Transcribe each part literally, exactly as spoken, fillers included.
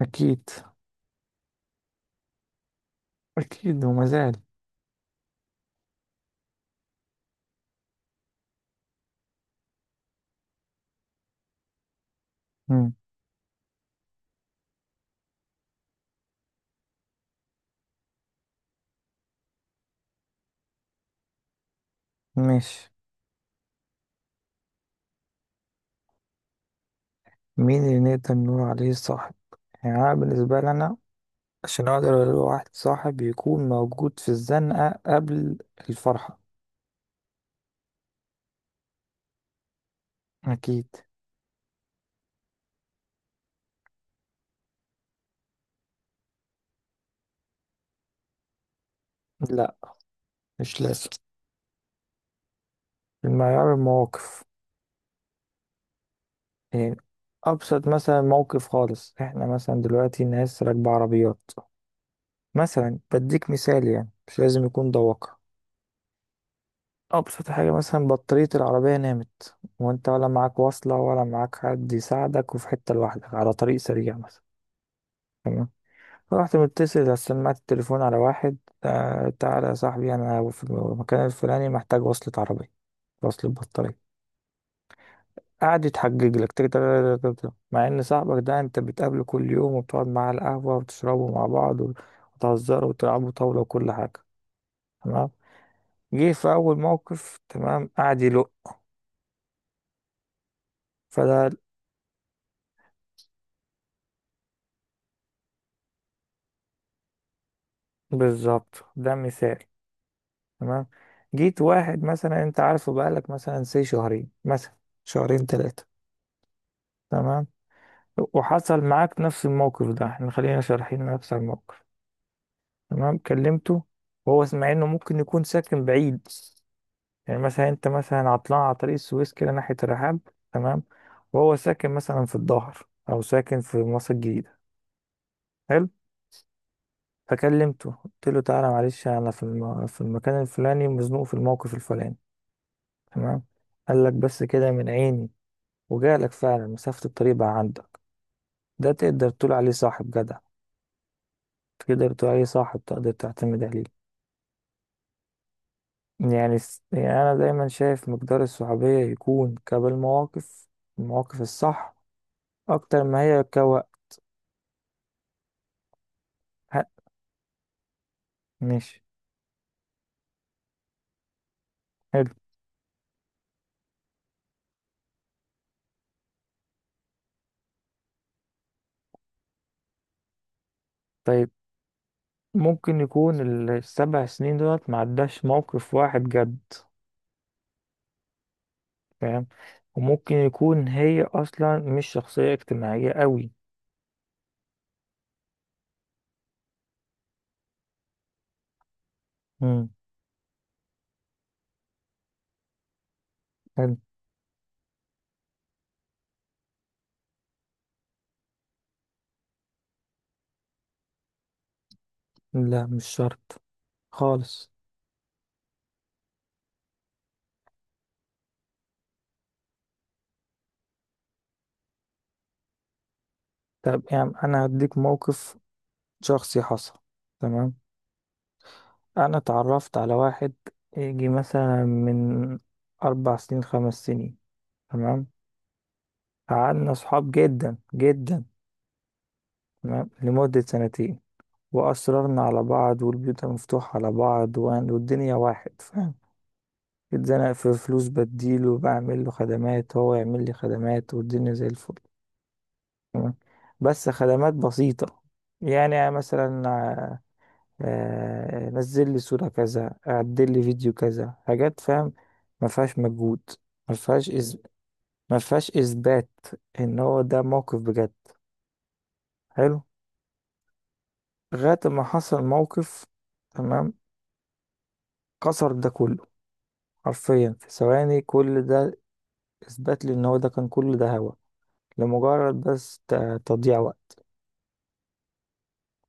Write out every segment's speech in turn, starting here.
أكيد، أكيد وما زال. مم. ماشي. مين اللي نقدر نقول عليه صاحب؟ يعني أنا بالنسبة لي أنا عشان أقدر أقول واحد صاحب يكون موجود في الزنقة قبل الفرحة. أكيد. لا، مش لازم. المعيار المواقف. يعني أبسط مثلا موقف خالص، إحنا مثلا دلوقتي ناس راكبة عربيات، مثلا بديك مثال يعني مش لازم يكون ده واقع. أبسط حاجة مثلا بطارية العربية نامت وأنت ولا معاك وصلة ولا معاك حد يساعدك وفي حتة لوحدك على طريق سريع مثلا. تمام. رحت متصل سمعت التليفون على واحد. آه، تعالى يا صاحبي، أنا في المكان الفلاني محتاج وصلة عربية، وصلة بطارية. قعد يتحجج لك تك- تك- تك- تك- تك. مع إن صاحبك ده أنت بتقابله كل يوم وبتقعد معاه على القهوة وبتشربوا مع بعض وتهزروا وتلعبوا طاولة وكل حاجة. تمام. جه في أول موقف تمام قعد يلق. فده بالظبط ده مثال. تمام. جيت واحد مثلا انت عارفه بقالك مثلا سي شهرين مثلا، شهرين ثلاثة. تمام. وحصل معاك نفس الموقف ده، احنا خلينا شارحين نفس الموقف. تمام كلمته وهو سمع انه ممكن يكون ساكن بعيد. يعني مثلا انت مثلا عطلان على طريق السويس كده ناحية الرحاب. تمام. وهو ساكن مثلا في الظهر او ساكن في مصر الجديدة. حلو. فكلمته قلت له تعالى معلش، انا في الم... في المكان الفلاني مزنوق في الموقف الفلاني. تمام. قال لك بس كده من عيني. وجالك فعلا مسافة الطريق بقى عندك. ده تقدر تقول عليه صاحب جدع. تقدر تقول عليه صاحب، تقدر تعتمد عليه. يعني, س- يعني أنا دايما شايف مقدار الصحوبية يكون قبل مواقف، المواقف الصح، أكتر ما هي كوقت. ها. ماشي. حلو. طيب. ممكن يكون ال- السبع سنين دولت معداش موقف واحد جد. فاهم. وممكن يكون هي أصلا مش شخصية اجتماعية قوي. مم. حلو. لا، مش شرط خالص. طب يعني انا هديك موقف شخصي حصل. تمام. انا اتعرفت على واحد يجي مثلا من اربع سنين، خمس سنين. تمام. قعدنا صحاب جدا جدا. تمام لمدة سنتين. واصررنا على بعض والبيوت مفتوحة على بعض وهن- والدنيا واحد فاهم. اتزنق في فلوس بديله، وبعمل له خدمات، هو يعمل لي خدمات، والدنيا زي الفل. تمام. بس خدمات بسيطة. يعني مثلا آه، نزل لي صورة كذا، عدل لي فيديو كذا، حاجات فاهم ما فيهاش مجهود، ما فيهاش إز... ما فيهاش إثبات إن هو ده موقف بجد. حلو. لغاية ما حصل موقف. تمام. كسر ده كله حرفيا في ثواني. كل ده إثبات لي إن هو ده كان كل ده هوا لمجرد بس ت- تضييع وقت.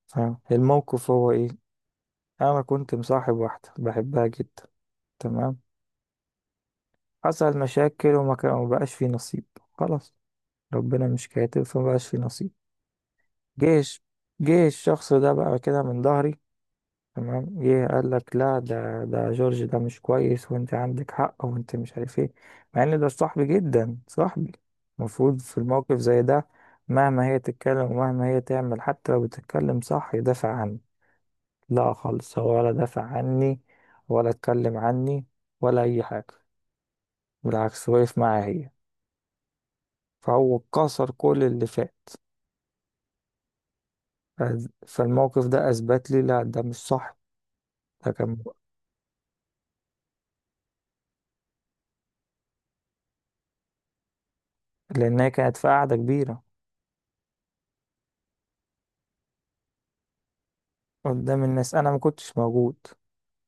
فاهم الموقف هو إيه؟ أنا كنت مصاحب واحدة بحبها جدا. تمام. حصل مشاكل وما كان ما بقاش في نصيب. خلاص. ربنا مش كاتب فمبقاش في نصيب. جيش. جه الشخص ده بقى كده من ظهري. تمام جه قال لك لا، ده ده جورج ده مش كويس، وانت عندك حق، وانت مش عارف ايه. مع ان ده صاحبي جدا صاحبي. المفروض في الموقف زي ده مهما هي تتكلم ومهما هي تعمل، حتى لو بتتكلم صح، يدافع عني. لا خالص، هو ولا دافع عني، ولا اتكلم عني، ولا اي حاجة. بالعكس وقف معايا هي. فهو كسر كل اللي فات. فز- فالموقف ده اثبت لي لا، ده مش صح. ده كان. لان هي كانت في قعده كبيره قدام الناس، انا ما كنتش موجود.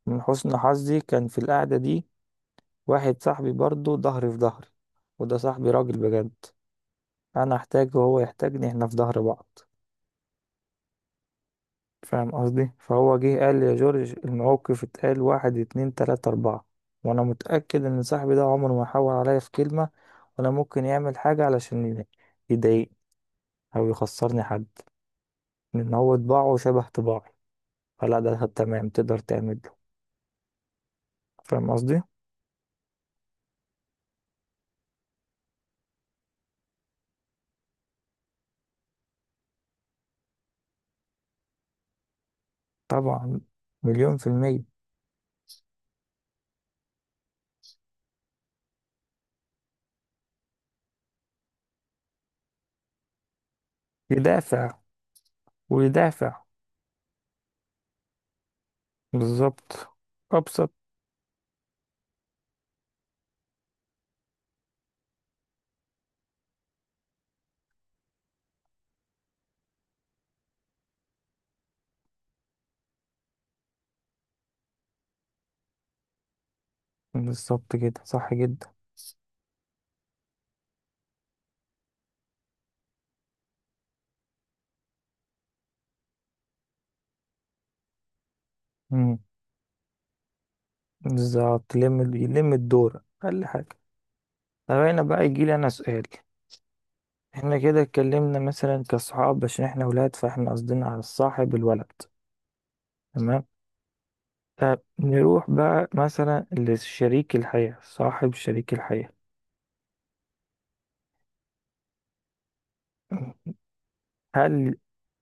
من حسن حظي كان في القعده دي واحد صاحبي برضه ظهري في ظهري. وده صاحبي راجل بجد. انا احتاجه وهو يحتاجني، احنا في ظهر بعض. فاهم قصدي؟ فهو جه قال لي يا جورج الموقف اتقال واحد اتنين تلاتة اربعة. وانا متأكد ان صاحبي ده عمره ما حاول عليا في كلمة، ولا ممكن يعمل حاجة علشان يضايقني او يخسرني حد. لأن هو طباعه شبه طباعي. فلا، ده تمام تقدر تعمل له. فاهم قصدي؟ طبعا. مليون في المية. يدافع ويدافع. بالظبط. أبسط. بالظبط كده صح جدا. مم. بالظبط يلم يلم الدور أقل حاجة. طب هنا بقى يجيلي أنا سؤال. احنا كده اتكلمنا مثلا كصحاب عشان احنا ولاد، فاحنا قصدنا على الصاحب الولد. تمام. طب نروح بقى مثلا لشريك الحياة، صاحب شريك الحياة. هل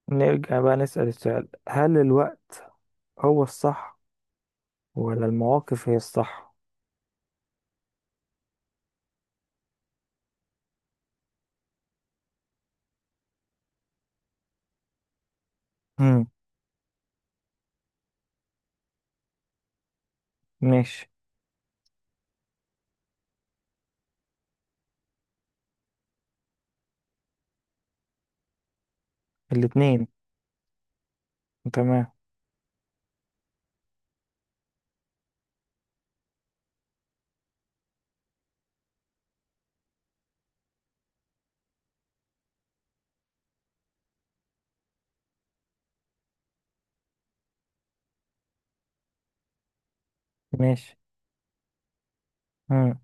نرجع بقى نسأل السؤال، هل الوقت هو الصح ولا المواقف هي الصح؟ امم. ماشي. الاتنين. تمام. ماشي. امم.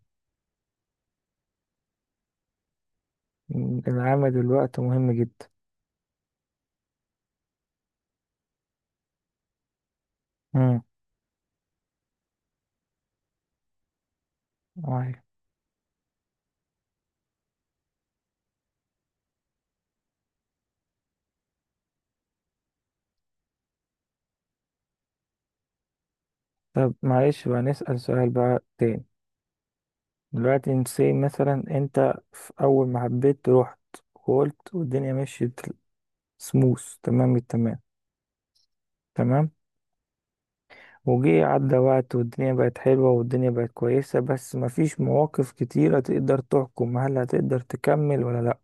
العمل الوقت مهم جدا. امم. أيوة. طب معلش بقى نسأل سؤال بقى تاني. دلوقتي انت say مثلا انت في اول ما حبيت رحت وقلت والدنيا مشيت سموث، تمام التمام. تمام. وجه عدى وقت والدنيا بقت حلوة والدنيا بقت كويسة، بس مفيش مواقف كتيرة تقدر تحكم هل هتقدر تكمل ولا لأ.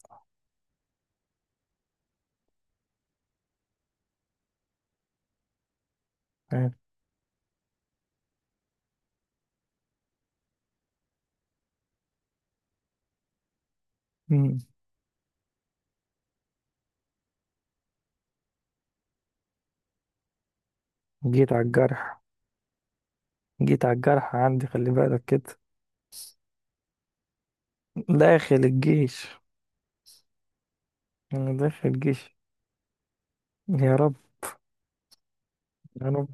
فاهم؟ مم. جيت على الجرح. جيت على الجرح عندي، خلي بالك كده. داخل الجيش. أنا داخل الجيش. يا رب، يا رب.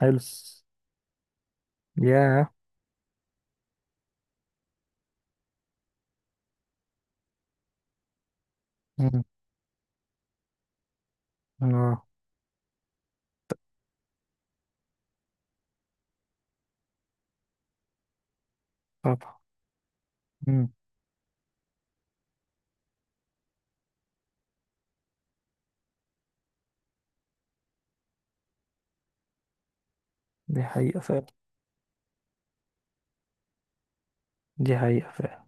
حلو. ياه. مم. اه. طبعا. مم. دي حقيقة فعلا. دي حقيقة فعلا. إن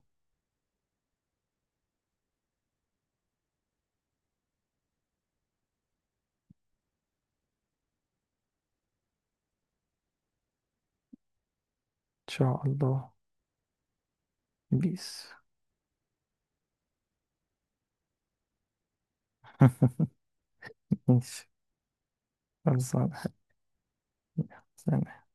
شاء الله. بيس. ماشي. خلصانة. سلام.